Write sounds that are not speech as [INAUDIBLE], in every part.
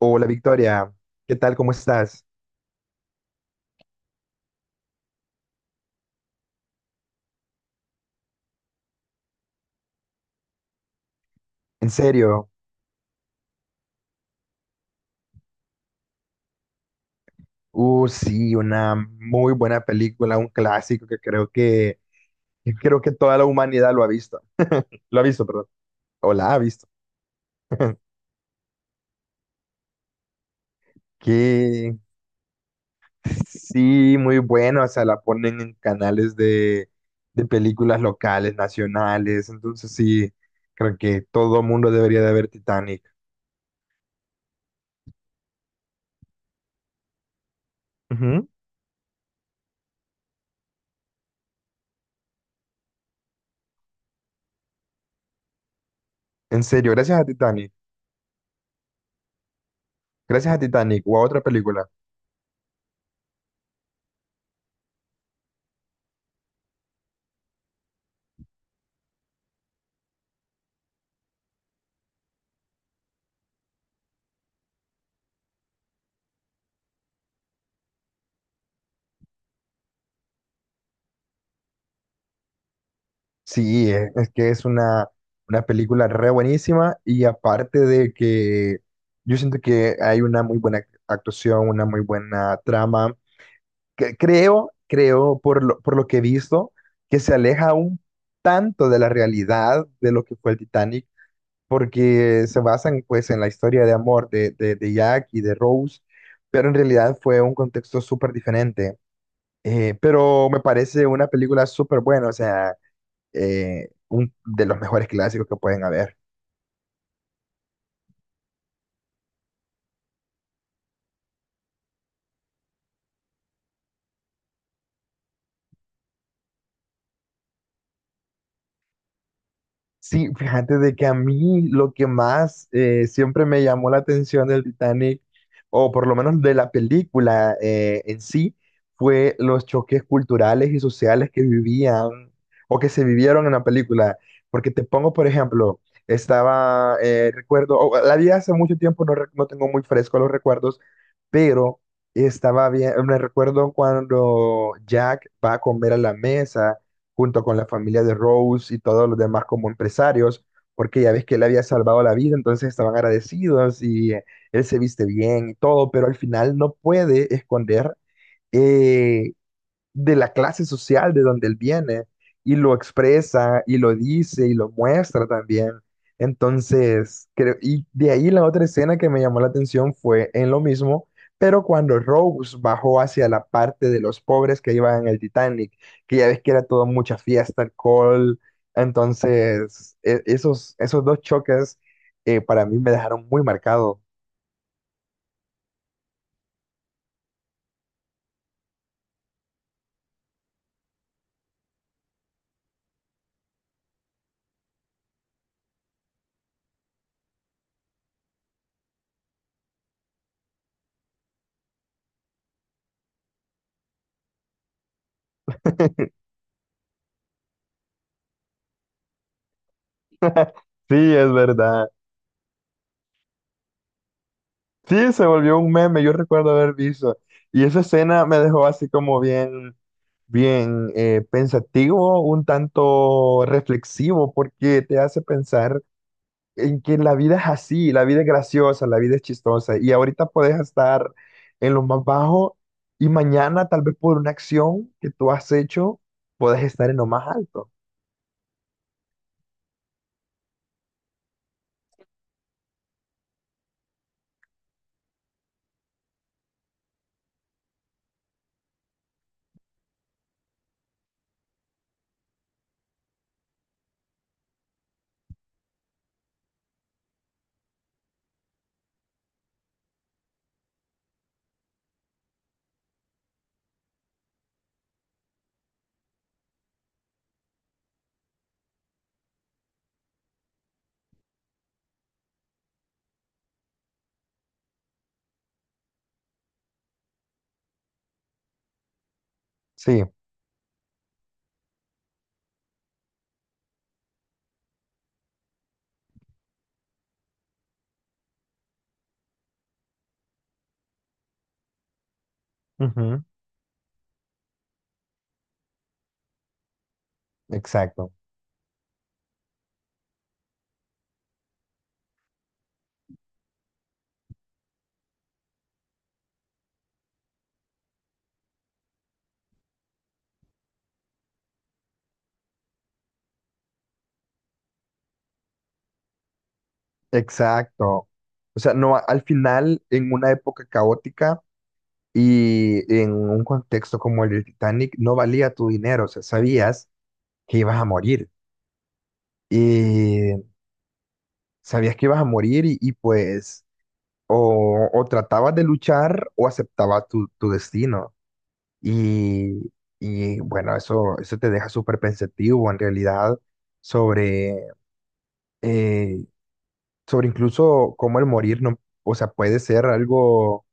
Hola Victoria, ¿qué tal? ¿Cómo estás? En serio. Sí, una muy buena película, un clásico que creo que toda la humanidad lo ha visto. Lo ha visto, perdón. O la ha visto. [LAUGHS] Que sí, muy bueno, o sea, la ponen en canales de películas locales, nacionales, entonces sí, creo que todo mundo debería de ver Titanic. Ujú. ¿En serio, gracias a Titanic o a otra película? Sí, es que es una película re buenísima, y aparte de que yo siento que hay una muy buena actuación, una muy buena trama, que creo, creo por lo que he visto, que se aleja un tanto de la realidad de lo que fue el Titanic, porque se basan pues en la historia de amor de Jack y de Rose, pero en realidad fue un contexto súper diferente. Pero me parece una película súper buena, o sea, un, de los mejores clásicos que pueden haber. Sí, fíjate de que a mí lo que más siempre me llamó la atención del Titanic, o por lo menos de la película en sí, fue los choques culturales y sociales que vivían o que se vivieron en la película. Porque te pongo, por ejemplo, estaba, recuerdo, la vi hace mucho tiempo, no, no tengo muy fresco los recuerdos, pero estaba bien, me recuerdo cuando Jack va a comer a la mesa junto con la familia de Rose y todos los demás como empresarios, porque ya ves que él había salvado la vida, entonces estaban agradecidos y, él se viste bien y todo, pero al final no puede esconder eh, de la clase social de donde él viene, y lo expresa y lo dice y lo muestra también. Entonces, creo, y de ahí la otra escena que me llamó la atención fue en lo mismo, pero cuando Rose bajó hacia la parte de los pobres que iban en el Titanic, que ya ves que era todo mucha fiesta, alcohol, entonces esos dos choques, para mí me dejaron muy marcado. Sí, es verdad. Sí, se volvió un meme, yo recuerdo haber visto. Y esa escena me dejó así como bien, bien, pensativo, un tanto reflexivo, porque te hace pensar en que la vida es así, la vida es graciosa, la vida es chistosa. Y ahorita puedes estar en lo más bajo, y mañana, tal vez por una acción que tú has hecho, puedes estar en lo más alto. Sí, ujú. Exacto, exacto. O sea, no, al final, en una época caótica, y en un contexto como el del Titanic, no valía tu dinero, o sea, sabías que ibas a morir. Y sabías que ibas a morir y pues o tratabas de luchar o aceptabas tu, tu destino. Y, y bueno, eso te deja súper pensativo en realidad sobre, eh, sobre incluso cómo el morir no, o sea, puede ser algo,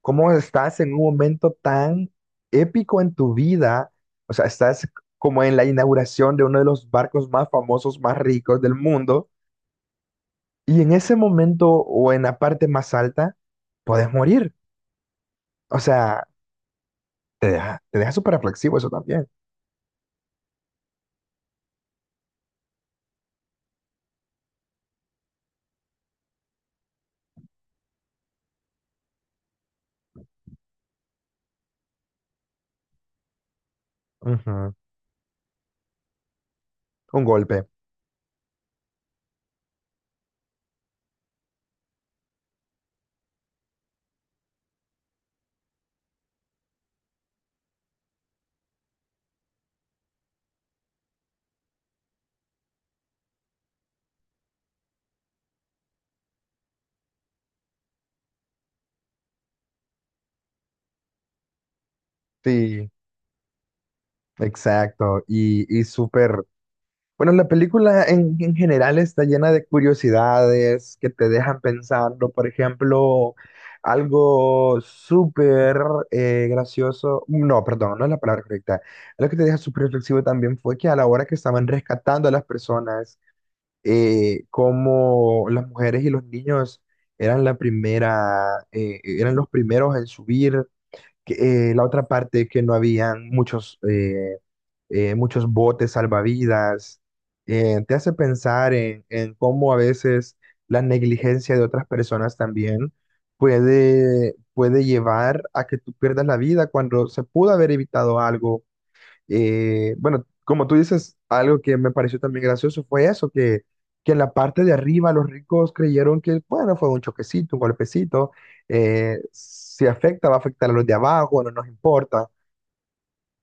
cómo estás en un momento tan épico en tu vida. O sea, estás como en la inauguración de uno de los barcos más famosos, más ricos del mundo. Y en ese momento o en la parte más alta, puedes morir. O sea, te deja súper reflexivo eso también. Ujú. Un golpe. Sí, exacto. Y súper. Bueno, la película en general está llena de curiosidades que te dejan pensando. Por ejemplo, algo súper, gracioso. No, perdón, no es la palabra correcta. Algo que te deja súper reflexivo también fue que a la hora que estaban rescatando a las personas, como las mujeres y los niños eran la primera, eran los primeros en subir, que, la otra parte que no habían muchos muchos botes salvavidas, te hace pensar en cómo a veces la negligencia de otras personas también puede, puede llevar a que tú pierdas la vida cuando se pudo haber evitado algo. Bueno, como tú dices, algo que me pareció también gracioso fue eso, que en la parte de arriba los ricos creyeron que, bueno, fue un choquecito, un golpecito, si afecta, va a afectar a los de abajo, no nos importa.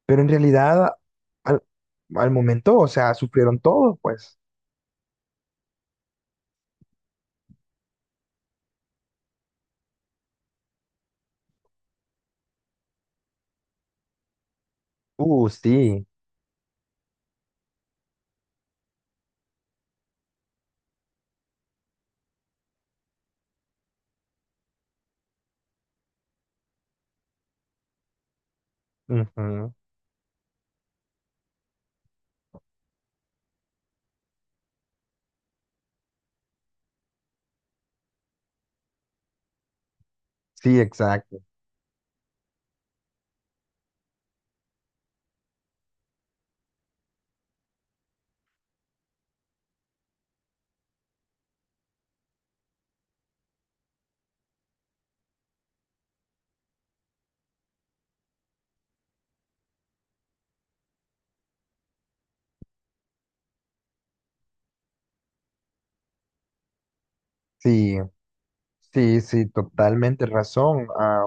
Pero en realidad, al, al momento, o sea, sufrieron todos, pues. Sí. Ujú. Sí, exacto. Sí, sí, sí, totalmente razón.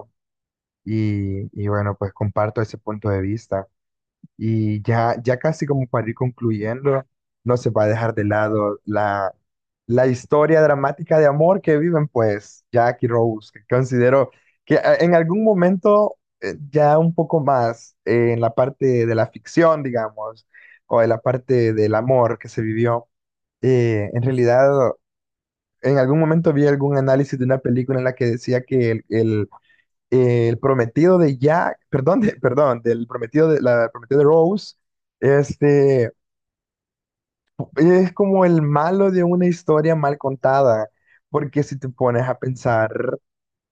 Y, y bueno, pues comparto ese punto de vista. Y ya, ya casi como para ir concluyendo, no se va a dejar de lado la, la historia dramática de amor que viven, pues, Jack y Rose, que considero que, en algún momento, ya un poco más, en la parte de la ficción, digamos, o en la parte del amor que se vivió, en realidad, en algún momento vi algún análisis de una película en la que decía que el, el prometido de Jack, perdón, perdón, del prometido de la prometida de Rose, este es como el malo de una historia mal contada, porque si te pones a pensar,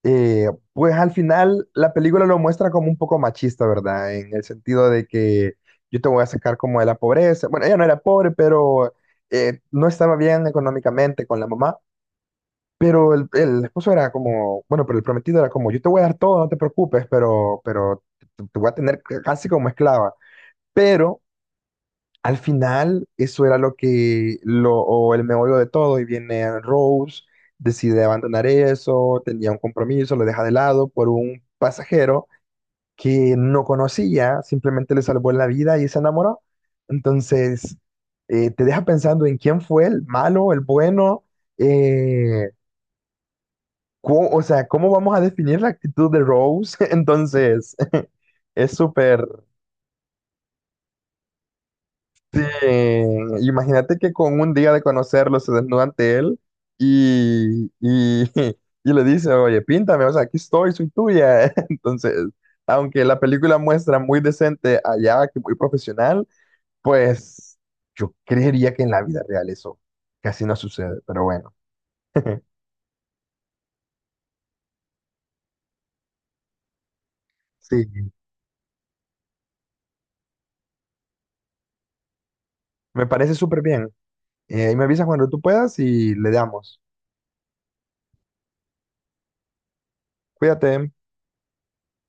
pues al final la película lo muestra como un poco machista, ¿verdad? En el sentido de que yo te voy a sacar como de la pobreza. Bueno, ella no era pobre, pero, no estaba bien económicamente con la mamá. Pero el esposo era como, bueno, pero el prometido era como, yo te voy a dar todo, no te preocupes, pero te voy a tener casi como esclava. Pero al final eso era lo que, lo, o el meollo de todo, y viene Rose, decide abandonar eso, tenía un compromiso, lo deja de lado por un pasajero que no conocía, simplemente le salvó la vida y se enamoró. Entonces, te deja pensando en quién fue el malo, el bueno. eh, o sea, ¿cómo vamos a definir la actitud de Rose? [LAUGHS] Entonces, [LAUGHS] es súper... Sí, imagínate que con un día de conocerlo se desnuda ante él y, [LAUGHS] y le dice, oye, píntame, o sea, aquí estoy, soy tuya. [LAUGHS] Entonces, aunque la película muestra muy decente allá, que muy profesional, pues yo creería que en la vida real eso casi no sucede, pero bueno. [LAUGHS] Sí, me parece súper bien. Ahí me avisas cuando tú puedas y le damos. Cuídate.